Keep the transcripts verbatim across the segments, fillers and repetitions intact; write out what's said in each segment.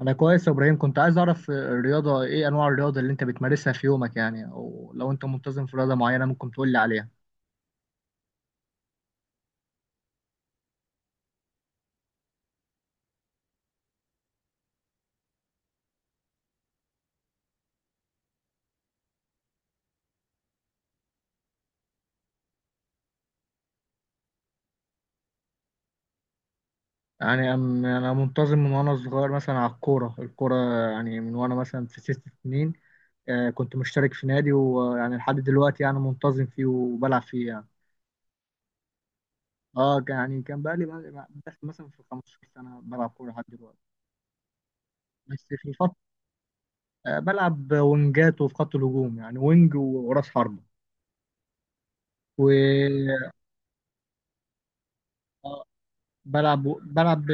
انا كويس يا ابراهيم، كنت عايز اعرف الرياضه، ايه انواع الرياضه اللي انت بتمارسها في يومك يعني، او لو انت منتظم في رياضه معينه ممكن تقول لي عليها. يعني أم- انا منتظم من وانا صغير مثلا على الكوره الكوره، يعني من وانا مثلا في ست سنين. آه، كنت مشترك في نادي، ويعني لحد دلوقتي يعني منتظم فيه وبلعب فيه يعني. اه كان- يعني كان بقالي بقى- داخل مثلا في خمسة عشر سنه بلعب كوره لحد دلوقتي. بس في الفتره، آه، بلعب وينجات وفي خط الهجوم، يعني وينج وراس حربه. و آه، بلعب بلعب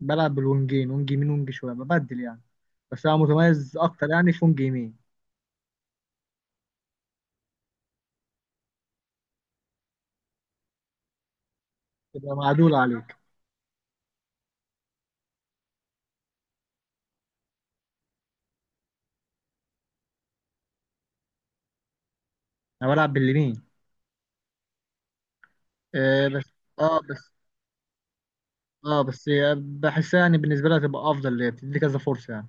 بلعب بالونجين، ونج يمين ونج شويه ببدل يعني، بس انا متميز اكتر يعني في ونج يمين. تبقى معدول عليك. انا بلعب باليمين. آه بس اه بس اه بس هي بحسها يعني بالنسبه لها تبقى افضل ليا، بتدي كذا فرصه يعني.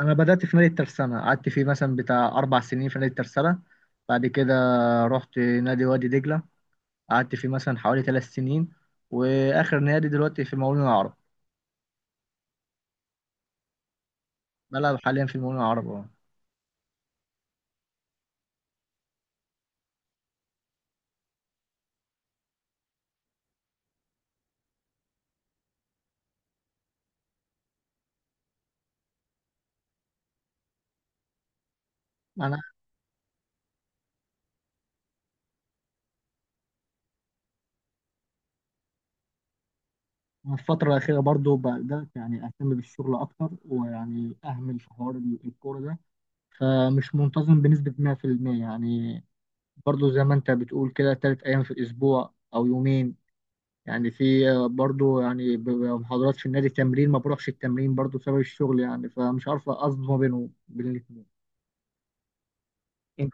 انا بدات في نادي الترسانه، قعدت فيه مثلا بتاع اربع سنين في نادي الترسانه. بعد كده رحت نادي وادي دجله، قعدت فيه مثلا حوالي ثلاث سنين. واخر نادي دلوقتي في المقاولون العرب. بلعب حاليا في المقاولون العرب اه. انا الفترة الأخيرة برضو بدأت يعني أهتم بالشغل أكتر، ويعني أهمل في حوار ال- الكورة ده. فمش منتظم بنسبة مئة في المئة يعني، برضو زي ما أنت بتقول كده تلات أيام في الأسبوع أو يومين يعني. في آه، برضو يعني بيبقى محاضرات في النادي تمرين، ما بروحش التمرين برضو بسبب الشغل يعني، فمش عارف أنظم ما بينهم بين الاتنين. انت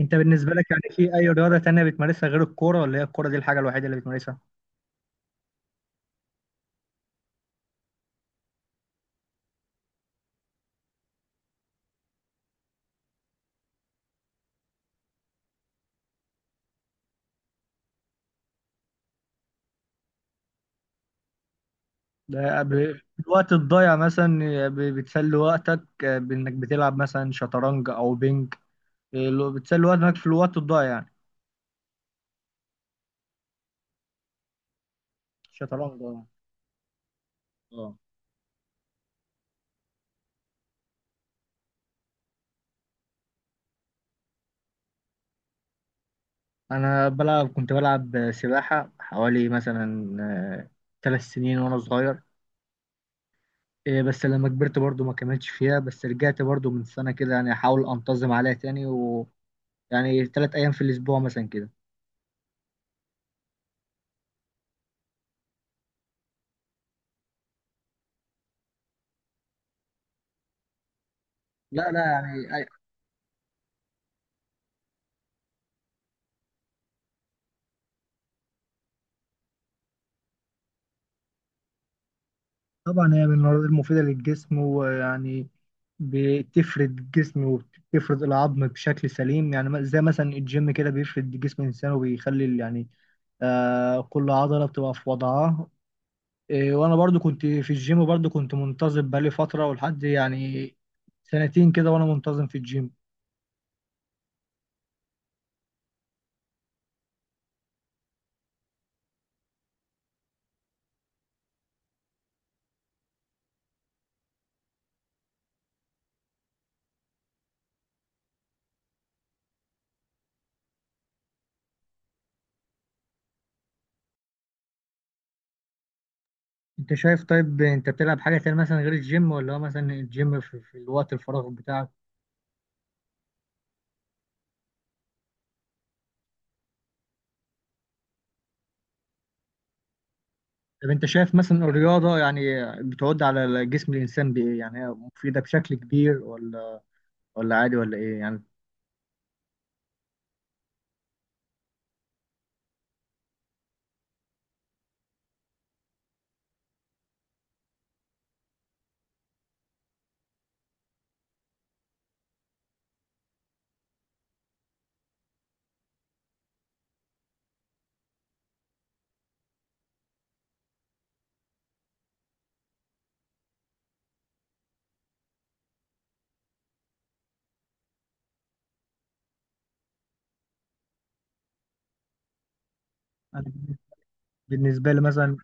انت بالنسبه لك يعني في اي رياضه تانية بتمارسها غير الكوره، ولا هي الكوره دي الحاجه الوحيده اللي بتمارسها؟ ده ب- الوقت الضايع مثلا، ب- بتسلي وقتك بإنك بتلعب مثلا شطرنج أو بينج، آه، لو بتسلي وقتك في الوقت الضايع يعني. شطرنج اه. اه، أنا بلعب كنت بلعب سباحة حوالي مثلا آه، ثلاث سنين وأنا صغير. آه، بس لما كبرت برضو ما كملتش فيها، بس رجعت برضو من سنة كده يعني أحاول أنتظم عليها تاني، ويعني ثلاث أيام في الأسبوع مثلا كده. لا لا يعني طبعا هي من المواد المفيدة للجسم، ويعني بتفرد الجسم وبتفرد العظم بشكل سليم يعني، م- زي مثلا الجيم كده بيفرد جسم الإنسان وبيخلي ال- يعني آه كل عضلة بتبقى في وضعها. إيه، وأنا برضو كنت في الجيم، برضو كنت منتظم بقالي فترة ولحد يعني سنتين كده وأنا منتظم في الجيم. أنت شايف طيب أنت بتلعب حاجة تانية مثلا غير الجيم، ولا هو مثلا الجيم في, في الوقت الفراغ بتاعك؟ طب انت شايف مثلا الرياضة يعني بتعود على جسم الإنسان بإيه يعني، هي مفيدة بشكل كبير ولا ولا عادي ولا إيه يعني؟ أنا بالنسبة لي مثلا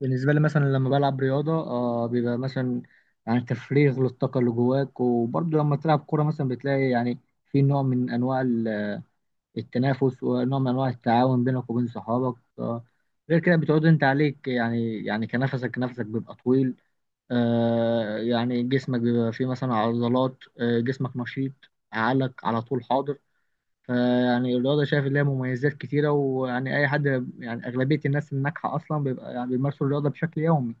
بالنسبة لي مثلا لما بلعب رياضة آه بيبقى مثلا يعني تفريغ للطاقة اللي جواك، وبرضه لما تلعب كورة مثلا بتلاقي يعني في نوع من أنواع ال- التنافس، ونوع من أنواع التعاون بينك وبين صحابك آه. غير كده بتعود أنت عليك يعني، يعني كنفسك نفسك بيبقى طويل، آه، يعني جسمك بيبقى فيه مثلا عضلات، آه، جسمك نشيط، عقلك على طول حاضر. فيعني الرياضة شايف ليها مميزات كتيرة، ويعني أي حد، يعني أغلبية الناس الناجحة أصلا بيبقى يعني بيمارسوا الرياضة بشكل يومي.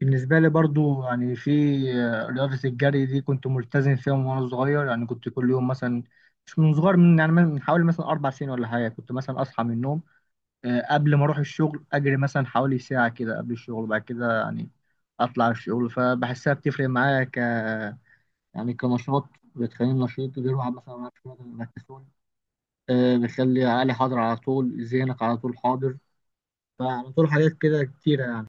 بالنسبة لي برضو يعني في آه، رياضة الجري دي كنت ملتزم فيها من وأنا صغير، يعني كنت كل يوم مثلا، مش من صغير، من يعني من حوالي مثلا أربع سنين ولا حاجة، كنت مثلا أصحى من النوم آه، قبل ما اروح الشغل اجري مثلا حوالي ساعة كده قبل الشغل، وبعد كده يعني اطلع الشغل. فبحسها بتفرق معايا ك يعني كنشاط، بتخليني نشيط غير واحد مثلا معاه شوية الكسول، آه، بتخلي عقلي حاضر على طول، ذهنك على طول حاضر، فعلى طول حاجات كده كتيرة يعني.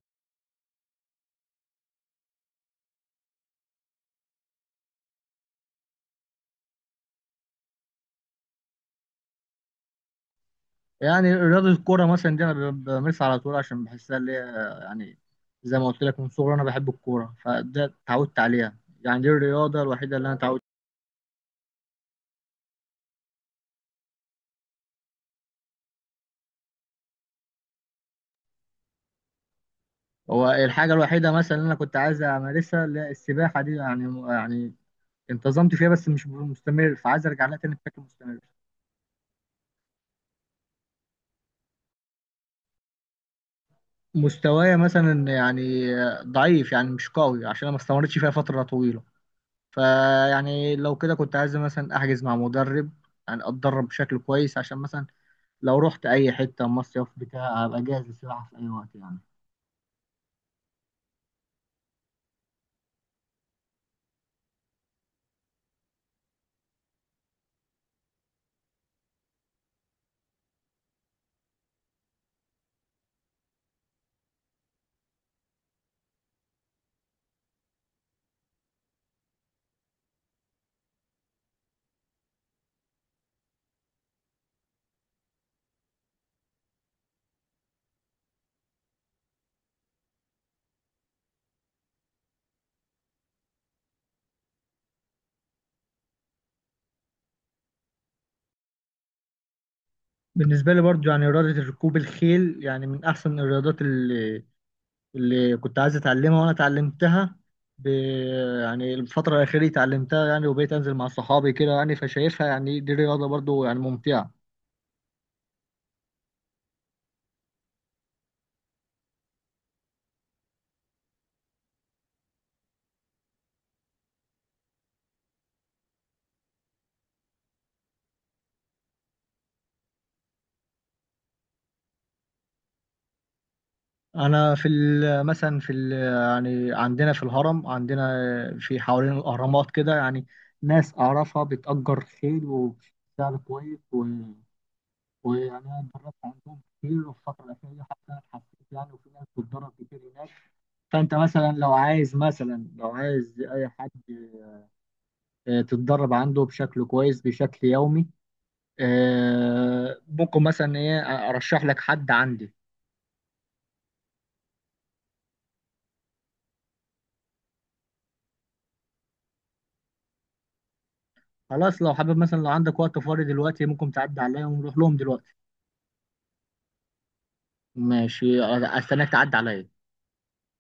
يعني رياضة الكورة مثلا دي أنا ب- بمارسها على طول عشان بحسها اللي هي يعني، زي ما قلت لك من صغري أنا بحب الكورة، فده اتعودت عليها، يعني دي الرياضة الوحيدة اللي أنا اتعودت. هو الحاجة الوحيدة مثلا اللي أنا كنت عايز أمارسها اللي هي السباحة دي يعني، يعني انتظمت فيها بس مش مستمر، فعايز أرجع لها تاني بشكل مستمر. مستوايا مثلا يعني ضعيف، يعني مش قوي عشان أنا ما استمرتش فيها فترة طويلة. فيعني لو كده كنت عايز مثلا أحجز مع مدرب، يعني أتدرب بشكل كويس عشان مثلا لو رحت أي حتة مصيف بتاع أبقى جاهز للسباحة في أي وقت يعني. بالنسبة لي برضو يعني رياضة ركوب الخيل يعني من أحسن الرياضات اللي كنت عايز اتعلمها وانا اتعلمتها، ب... يعني الفترة الأخيرة اتعلمتها يعني، وبقيت أنزل مع صحابي كده يعني، فشايفها يعني دي رياضة برضو يعني ممتعة. أنا في ال... مثلا في ال... يعني عندنا في الهرم، عندنا في حوالين الأهرامات كده يعني ناس أعرفها بتأجر خيل وبسعر كويس و... ويعني أنا اتدربت عندهم كتير، وفي الفترة الأخيرة حتى أنا اتحسنت يعني، وفي ناس بتتدرب كتير هناك. فأنت مثلا لو عايز مثلا لو عايز أي حد آه، تتدرب عنده بشكل كويس بشكل يومي، آه، ممكن مثلا ايه ارشح لك حد عندي. خلاص، لو حابب مثلا لو عندك وقت فاضي دلوقتي ممكن تعدي عليا ونروح لهم دلوقتي. ماشي، أ- استناك تعدي عليا.